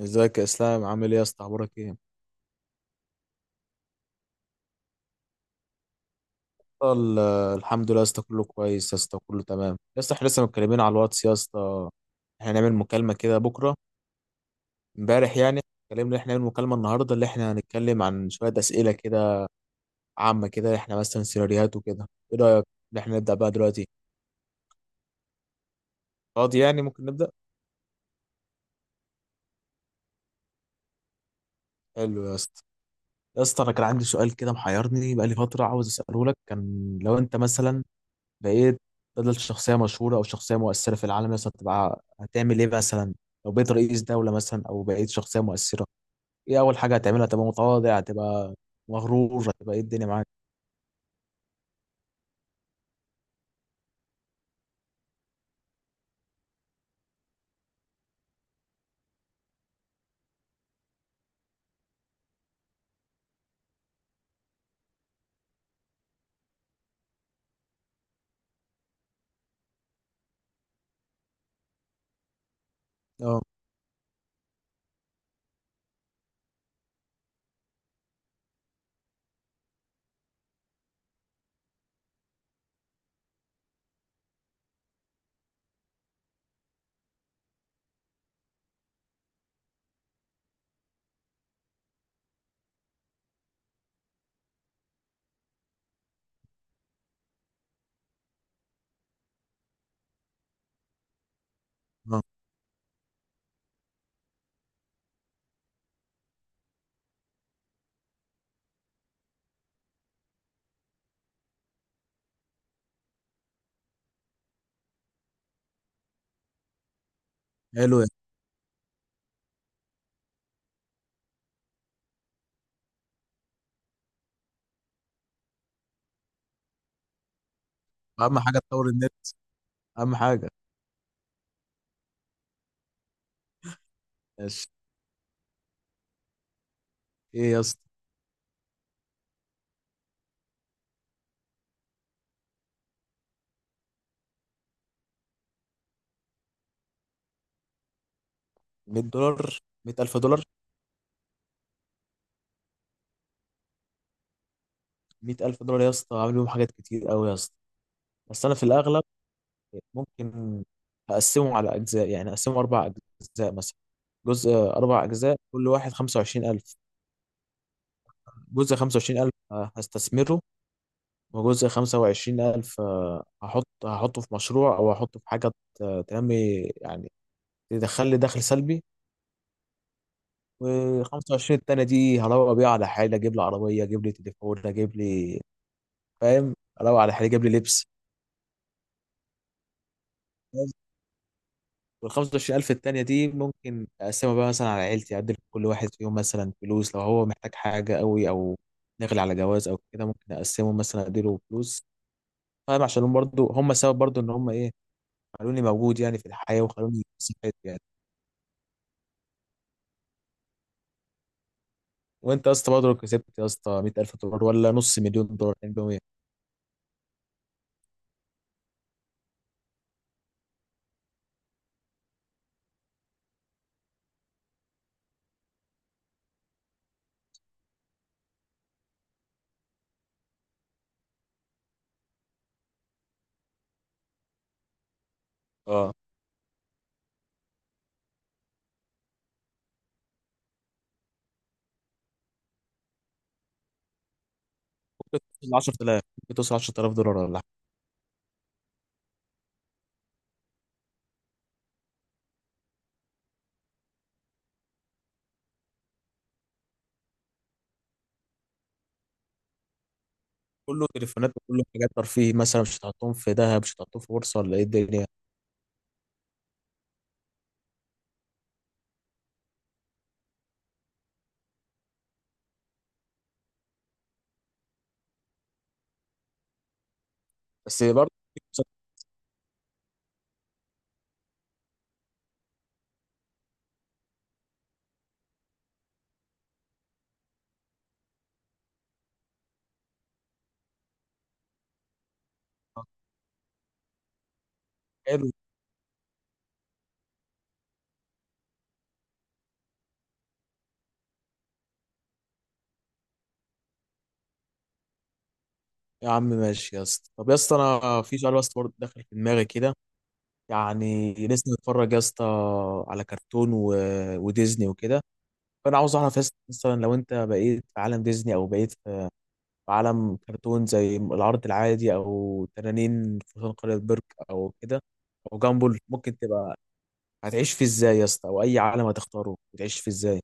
ازيك يا اسلام؟ عامل ايه يا اسطى؟ اخبارك ايه؟ ال- الحمد لله يا اسطى، كله كويس يا اسطى، كله تمام يا اسطى. احنا لسه متكلمين على الواتس يا اسطى، احنا هنعمل مكالمة كده بكرة امبارح يعني. اتكلمنا ان احنا هنعمل مكالمة النهاردة اللي احنا هنتكلم عن شوية أسئلة كده عامة كده، احنا مثلا سيناريوهات وكده. ايه رأيك ان احنا نبدأ بقى دلوقتي؟ فاضي يعني؟ ممكن نبدأ؟ حلو يا اسطى. يا اسطى انا كان عندي سؤال كده محيرني بقالي فترة، عاوز اسأله لك. كان لو انت مثلا بقيت بدل شخصية مشهورة أو شخصية مؤثرة في العالم مثلا، تبقى هتعمل إيه مثلا؟ لو بقيت رئيس دولة مثلا أو بقيت شخصية مؤثرة، إيه أول حاجة هتعملها؟ هتبقى متواضع؟ هتبقى مغرور؟ هتبقى إيه؟ الدنيا معاك. أه، أه. حلو يعني. أهم حاجة تطور النت، أهم حاجة. ماشي. إيه يا اسطى؟ 100 دولار؟ 100000 دولار؟ 100000 دولار يا اسطى عامل بيهم حاجات كتير أوي يا اسطى. بس أنا في الأغلب ممكن أقسمهم على أجزاء، يعني أقسمهم أربع أجزاء مثلا، جزء، أربع أجزاء كل واحد 25000. جزء 25000 هستثمره، وجزء 25000 هحط، هحطه في مشروع او هحطه في حاجه تنمي يعني، تدخل لي دخل سلبي. و25 التانية دي هروق بيها على حالي، اجيب لي عربيه، اجيب لي تليفون، اجيب لي، فاهم؟ اروق على حالي، اجيب لي لبس. وال 25000 التانية دي ممكن اقسمها بقى مثلا على عيلتي، ادي لكل واحد فيهم مثلا فلوس لو هو محتاج حاجه قوي او داخل على جواز او كده، ممكن اقسمه مثلا اديله فلوس، فاهم؟ عشان هم برضه هم سبب برضه ان هم ايه، خلوني موجود يعني في الحياة، وخلوني كسبت يعني. وانت يا اسطى برضه لو كسبت يا اسطى 100000 دولار ولا نص مليون دولار 200؟ اه. ممكن توصل 10000، ممكن توصل 10000 دولار ولا حاجة. كله تليفونات وكله حاجات ترفيه مثلا؟ مش هتحطهم في ذهب؟ مش هتحطهم في بورصة؟ ولا ايه الدنيا؟ بس برضه. حلو يا عم، ماشي يا اسطى. طب يا اسطى، انا في سؤال بس برضه داخل في دماغي كده، يعني لسه متفرج يا اسطى على كرتون و وديزني وكده. فانا عاوز اعرف يا اسطى، مثلا لو انت بقيت في عالم ديزني او بقيت عالم كرتون زي العرض العادي، او تنانين فرسان قرية برك او كده، او جامبل، ممكن تبقى هتعيش فيه ازاي يا اسطى؟ او اي عالم هتختاره هتعيش فيه ازاي؟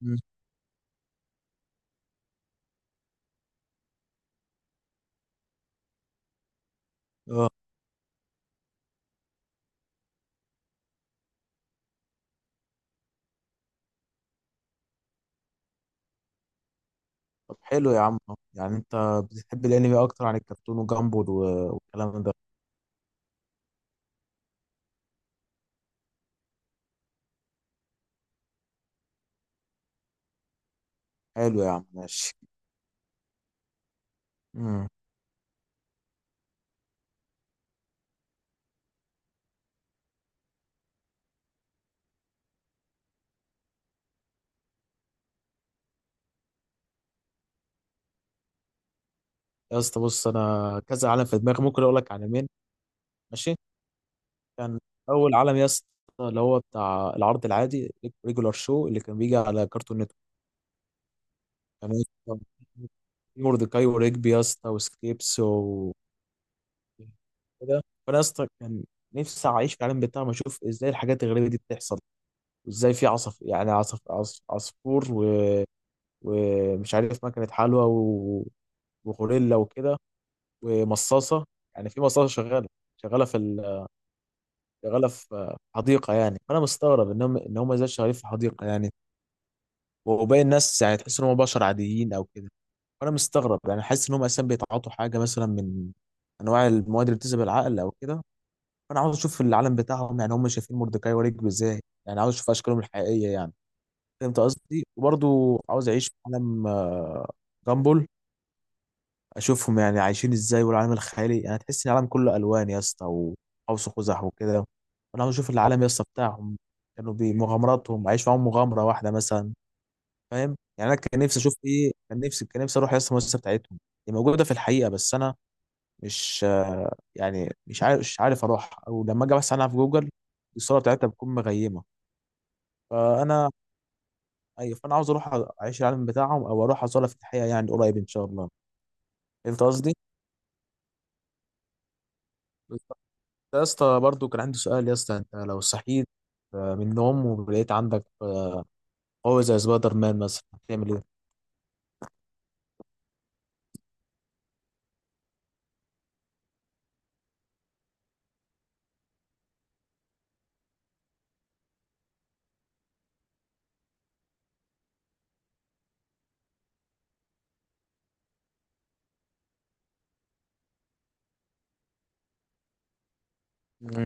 مم. اه. طب حلو يا عم. يعني انت بتحب الانمي اكتر عن الكرتون وجامبل والكلام ده. حلو يا عم، ماشي. امم. يا اسطى بص، انا كذا عالم في دماغي، ممكن اقول لك عالمين. ماشي. كان اول عالم يا اسطى اللي هو بتاع العرض العادي، ريجولار شو اللي كان بيجي على كرتون نتورك. كان اسطى في موردكاي وريجبي يا اسطى وسكريبس و كده فانا يا اسطى كان نفسي اعيش في العالم بتاعهم، اشوف ازاي الحاجات الغريبه دي بتحصل، وازاي في عصف، يعني عصفور و ومش عارف مكنه حلوى و وغوريلا وكده ومصاصه. يعني في مصاصه شغاله، شغاله في ال... شغاله في حديقه يعني. فانا مستغرب ان هم ازاي شغالين في حديقه يعني، وباقي الناس يعني تحس ان هم بشر عاديين او كده. وانا مستغرب، يعني حاسس ان هم اساسا بيتعاطوا حاجه مثلا من انواع المواد اللي بتذهب العقل او كده. فانا عاوز اشوف العالم بتاعهم، يعني هم شايفين مردكاي ورجبي ازاي، يعني عاوز اشوف اشكالهم الحقيقيه يعني. فهمت قصدي؟ وبرضو عاوز اعيش في عالم جامبل، اشوفهم يعني عايشين ازاي، والعالم الخيالي يعني تحس ان العالم كله الوان يا اسطى، وقوس قزح وكده. وانا عاوز اشوف العالم يا اسطى بتاعهم، كانوا بمغامراتهم، عايش معاهم مغامره واحده مثلا. فاهم يعني؟ انا كان نفسي اشوف ايه، كان نفسي اروح يا اسطى المؤسسه بتاعتهم. هي موجوده في الحقيقه، بس انا مش آه، يعني مش عارف اروح، او لما اجي بس عنها في جوجل الصوره بتاعتها بتكون مغيمه. فانا ايوه، فانا عاوز اروح اعيش العالم بتاعهم، او اروح ازورها في الحقيقه يعني قريب ان شاء الله. انت قصدي بالظبط. يا اسطى برضو كان عندي سؤال يا اسطى، انت لو صحيت من النوم ولقيت عندك قوة زي سبايدر مان مثلا، هتعمل ايه؟ مم.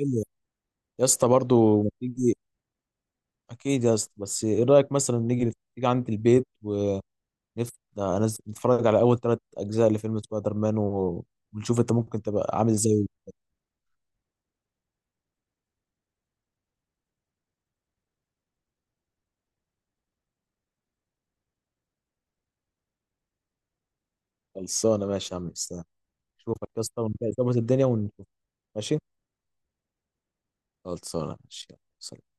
حلو. يا اسطى برضو ما تيجي. اكيد يا اسطى، بس ايه رايك مثلا نيجي عند البيت، نفسي ده أنا نتفرج على أول ثلاث أجزاء لفيلم سبايدر مان و ونشوف أنت ممكن تبقى عامل إزاي. خلصانة، ماشي يا عم إسلام. شوفك يا اسطى ونظبط الدنيا ونشوف. ماشي. خلصانة، ماشي يلا.